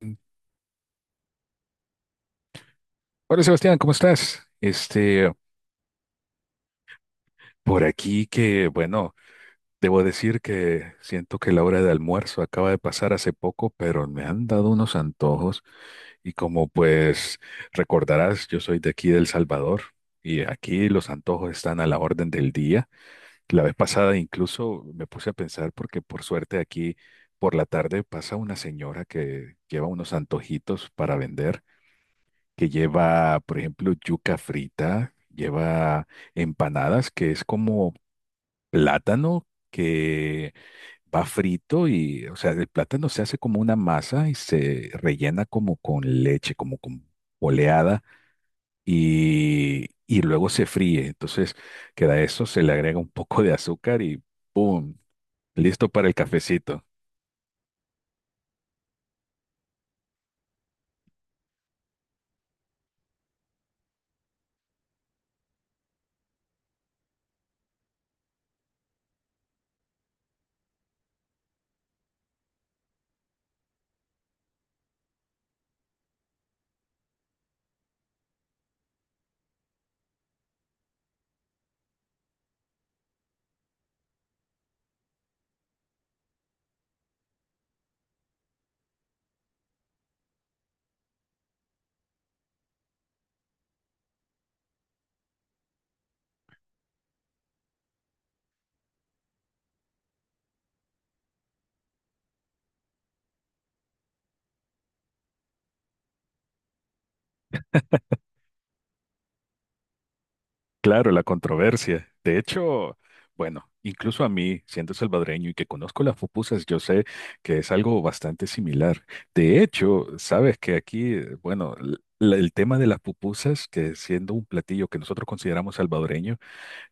Hola Sebastián, ¿cómo estás? Por aquí bueno, debo decir que siento que la hora de almuerzo acaba de pasar hace poco, pero me han dado unos antojos y como pues recordarás, yo soy de aquí de El Salvador y aquí los antojos están a la orden del día. La vez pasada incluso me puse a pensar porque por suerte aquí por la tarde pasa una señora que lleva unos antojitos para vender, que lleva, por ejemplo, yuca frita, lleva empanadas, que es como plátano que va frito y, o sea, el plátano se hace como una masa y se rellena como con leche, como con oleada y, luego se fríe. Entonces, queda eso, se le agrega un poco de azúcar y ¡pum! Listo para el cafecito. Claro, la controversia. De hecho, bueno, incluso a mí, siendo salvadoreño y que conozco las pupusas, yo sé que es algo bastante similar. De hecho, sabes que aquí, bueno, el tema de las pupusas, que siendo un platillo que nosotros consideramos salvadoreño,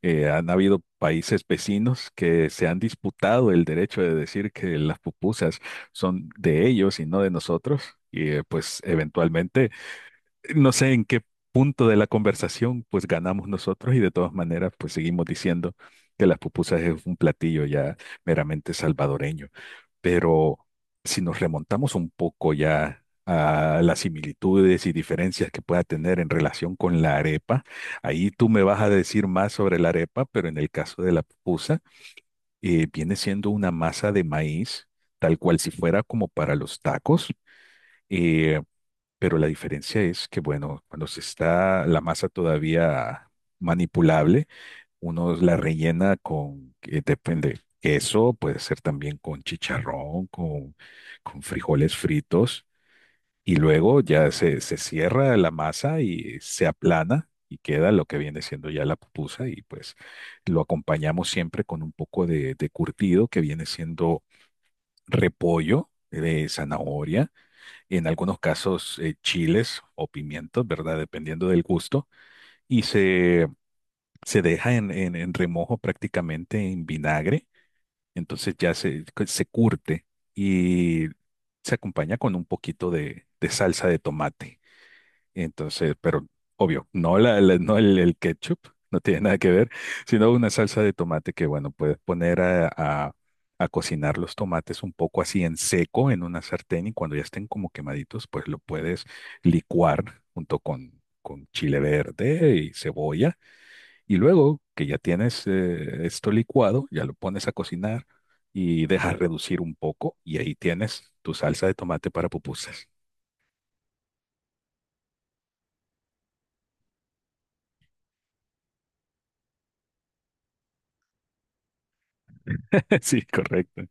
han habido países vecinos que se han disputado el derecho de decir que las pupusas son de ellos y no de nosotros. Y pues eventualmente no sé en qué punto de la conversación, pues ganamos nosotros y de todas maneras, pues seguimos diciendo que las pupusas es un platillo ya meramente salvadoreño. Pero si nos remontamos un poco ya a las similitudes y diferencias que pueda tener en relación con la arepa, ahí tú me vas a decir más sobre la arepa, pero en el caso de la pupusa, viene siendo una masa de maíz, tal cual si fuera como para los tacos. eh, pero la diferencia es que, bueno, cuando se está la masa todavía manipulable, uno la rellena con, depende, queso, puede ser también con chicharrón, con frijoles fritos, y luego ya se cierra la masa y se aplana y queda lo que viene siendo ya la pupusa, y pues lo acompañamos siempre con un poco de curtido que viene siendo repollo, de zanahoria en algunos casos chiles o pimientos, ¿verdad? Dependiendo del gusto, y se deja en, en remojo prácticamente en vinagre, entonces ya se curte y se acompaña con un poquito de salsa de tomate. Entonces, pero obvio, no, no el, el ketchup, no tiene nada que ver, sino una salsa de tomate que, bueno, puedes poner a, a cocinar los tomates un poco así en seco en una sartén y cuando ya estén como quemaditos, pues lo puedes licuar junto con chile verde y cebolla. Y luego que ya tienes esto licuado, ya lo pones a cocinar y dejas reducir un poco y ahí tienes tu salsa de tomate para pupusas. Sí, correcto.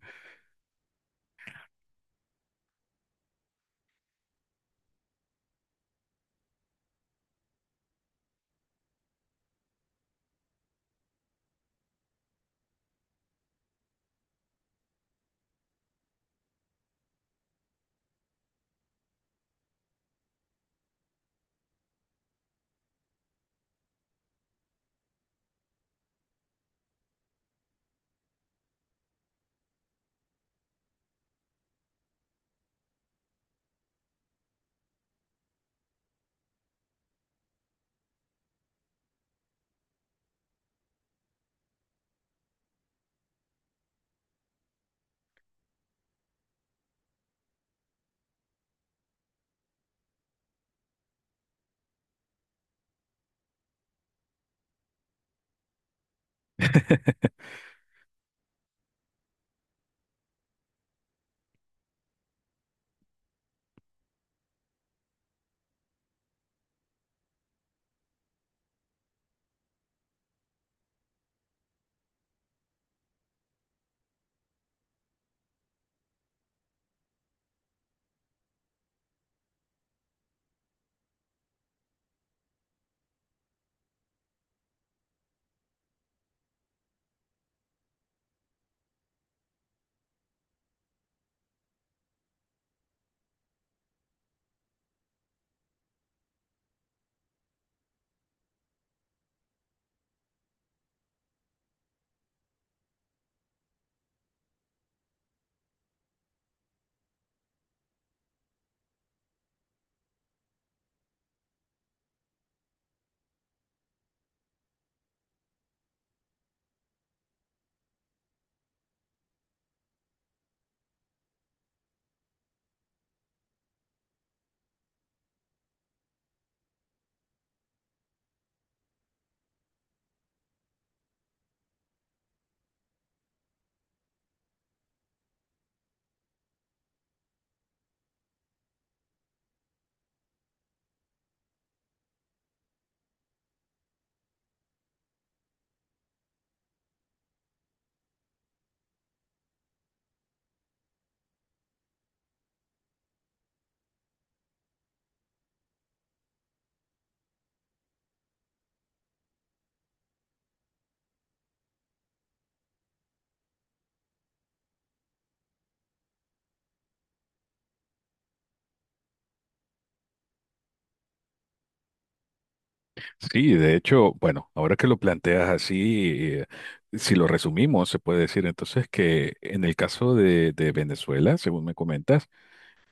Sí, de hecho, bueno, ahora que lo planteas así, eh, si lo resumimos, se puede decir entonces que en el caso de Venezuela, según me comentas,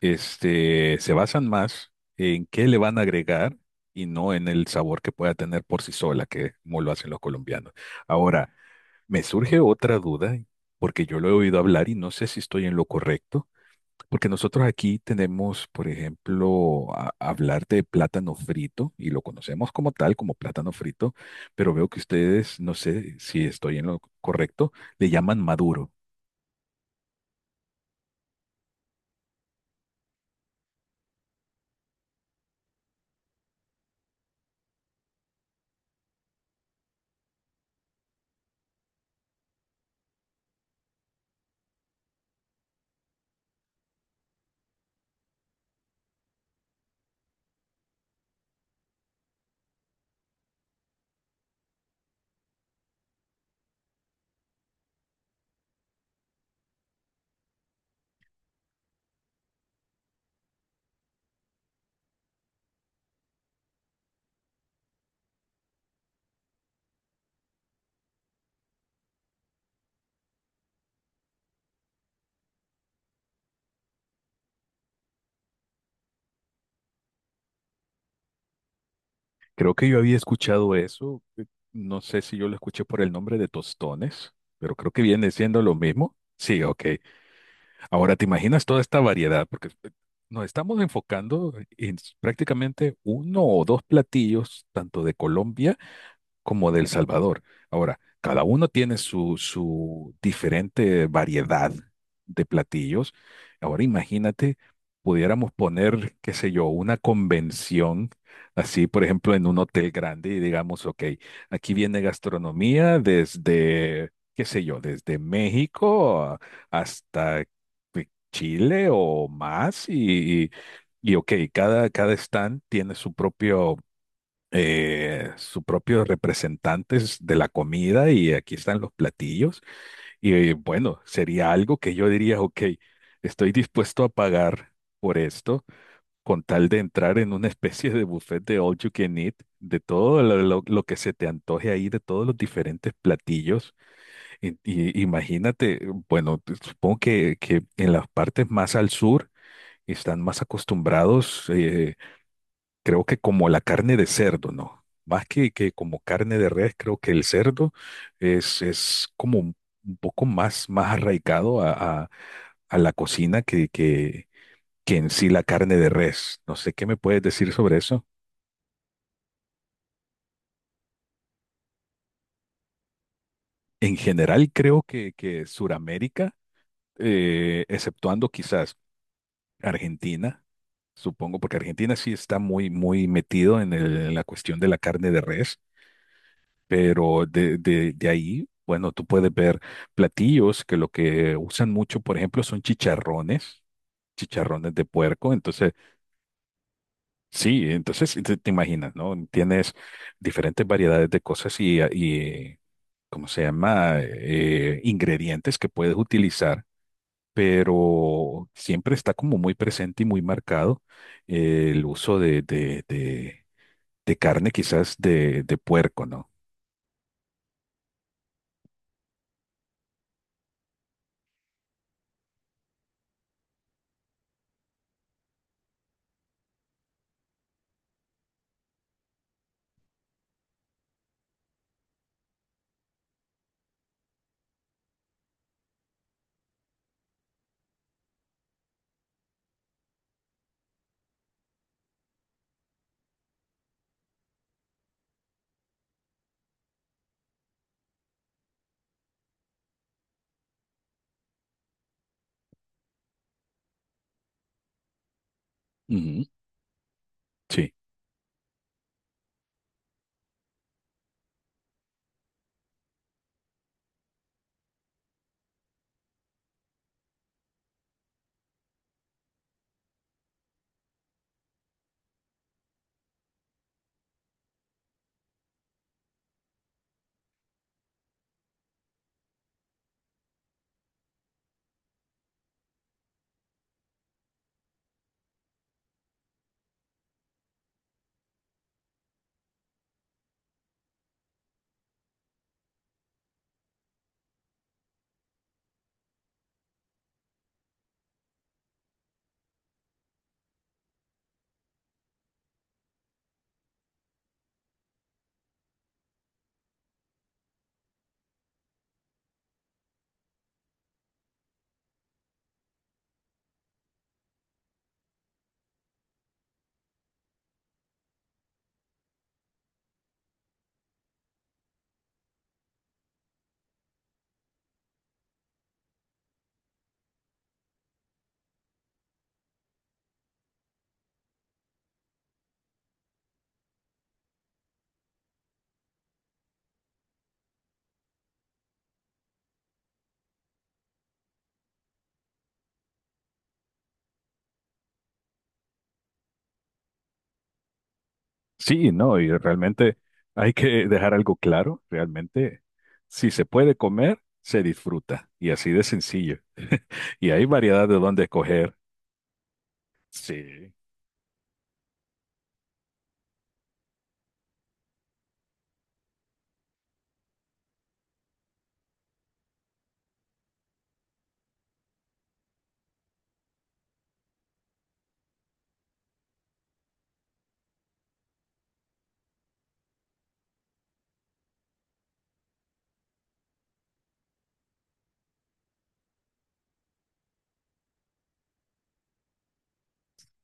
se basan más en qué le van a agregar y no en el sabor que pueda tener por sí sola, que es como lo hacen los colombianos. Ahora, me surge otra duda, porque yo lo he oído hablar y no sé si estoy en lo correcto porque nosotros aquí tenemos, por ejemplo, hablar de plátano frito y lo conocemos como tal, como plátano frito, pero veo que ustedes, no sé si estoy en lo correcto, le llaman maduro. Creo que yo había escuchado eso, no sé si yo lo escuché por el nombre de tostones, pero creo que viene siendo lo mismo. Sí, ok. Ahora te imaginas toda esta variedad, porque nos estamos enfocando en prácticamente uno o dos platillos, tanto de Colombia, como de El Salvador. Ahora, cada uno tiene su, su diferente variedad de platillos. Ahora imagínate, pudiéramos poner, qué sé yo, una convención, así por ejemplo en un hotel grande y digamos, ok, aquí viene gastronomía desde, qué sé yo, desde México hasta Chile o más y, y, ok, cada stand tiene su propio sus propios representantes de la comida y aquí están los platillos. Y bueno, sería algo que yo diría, ok, estoy dispuesto a pagar por esto con tal de entrar en una especie de buffet de all you can eat, de todo lo, lo que se te antoje ahí, de todos los diferentes platillos. Y imagínate, bueno, supongo que en las partes más al sur están más acostumbrados. Creo que como la carne de cerdo, ¿no? Más que como carne de res, creo que el cerdo es como un poco más, más arraigado a, a- a la cocina que en sí la carne de res. No sé qué me puedes decir sobre eso. En general, creo que Suramérica, exceptuando quizás Argentina, supongo, porque Argentina sí está muy, muy metido en en la cuestión de la carne de res. Pero de ahí, bueno, tú puedes ver platillos que lo que usan mucho, por ejemplo, son chicharrones, chicharrones de puerco. Entonces sí, te imaginas, ¿no? Tienes diferentes variedades de cosas y ¿cómo se llama? Ingredientes que puedes utilizar, pero siempre está como muy presente y muy marcado el uso de carne, quizás de puerco, ¿no? Ujú, sí. Sí, no, y realmente hay que dejar algo claro, realmente, si se puede comer, se disfruta, y así de sencillo. Y hay variedad de dónde escoger. Sí,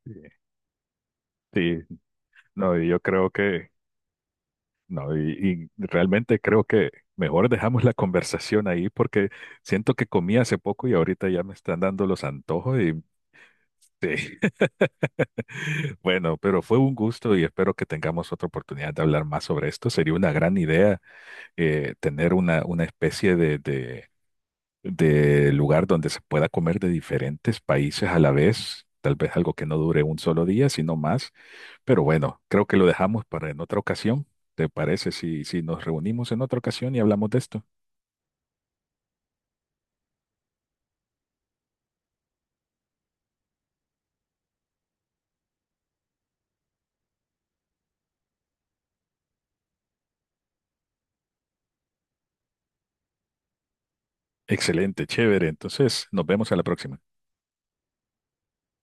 sí, sí, no, y yo creo que, no, y realmente creo que mejor dejamos la conversación ahí porque siento que comí hace poco y ahorita ya me están dando los antojos y sí. Bueno, pero fue un gusto y espero que tengamos otra oportunidad de hablar más sobre esto. Sería una gran idea tener una especie de, de lugar donde se pueda comer de diferentes países a la vez, tal vez algo que no dure un solo día, sino más, pero bueno, creo que lo dejamos para en otra ocasión. ¿Te parece si, si nos reunimos en otra ocasión y hablamos de esto? Excelente, chévere. Entonces, nos vemos a la próxima.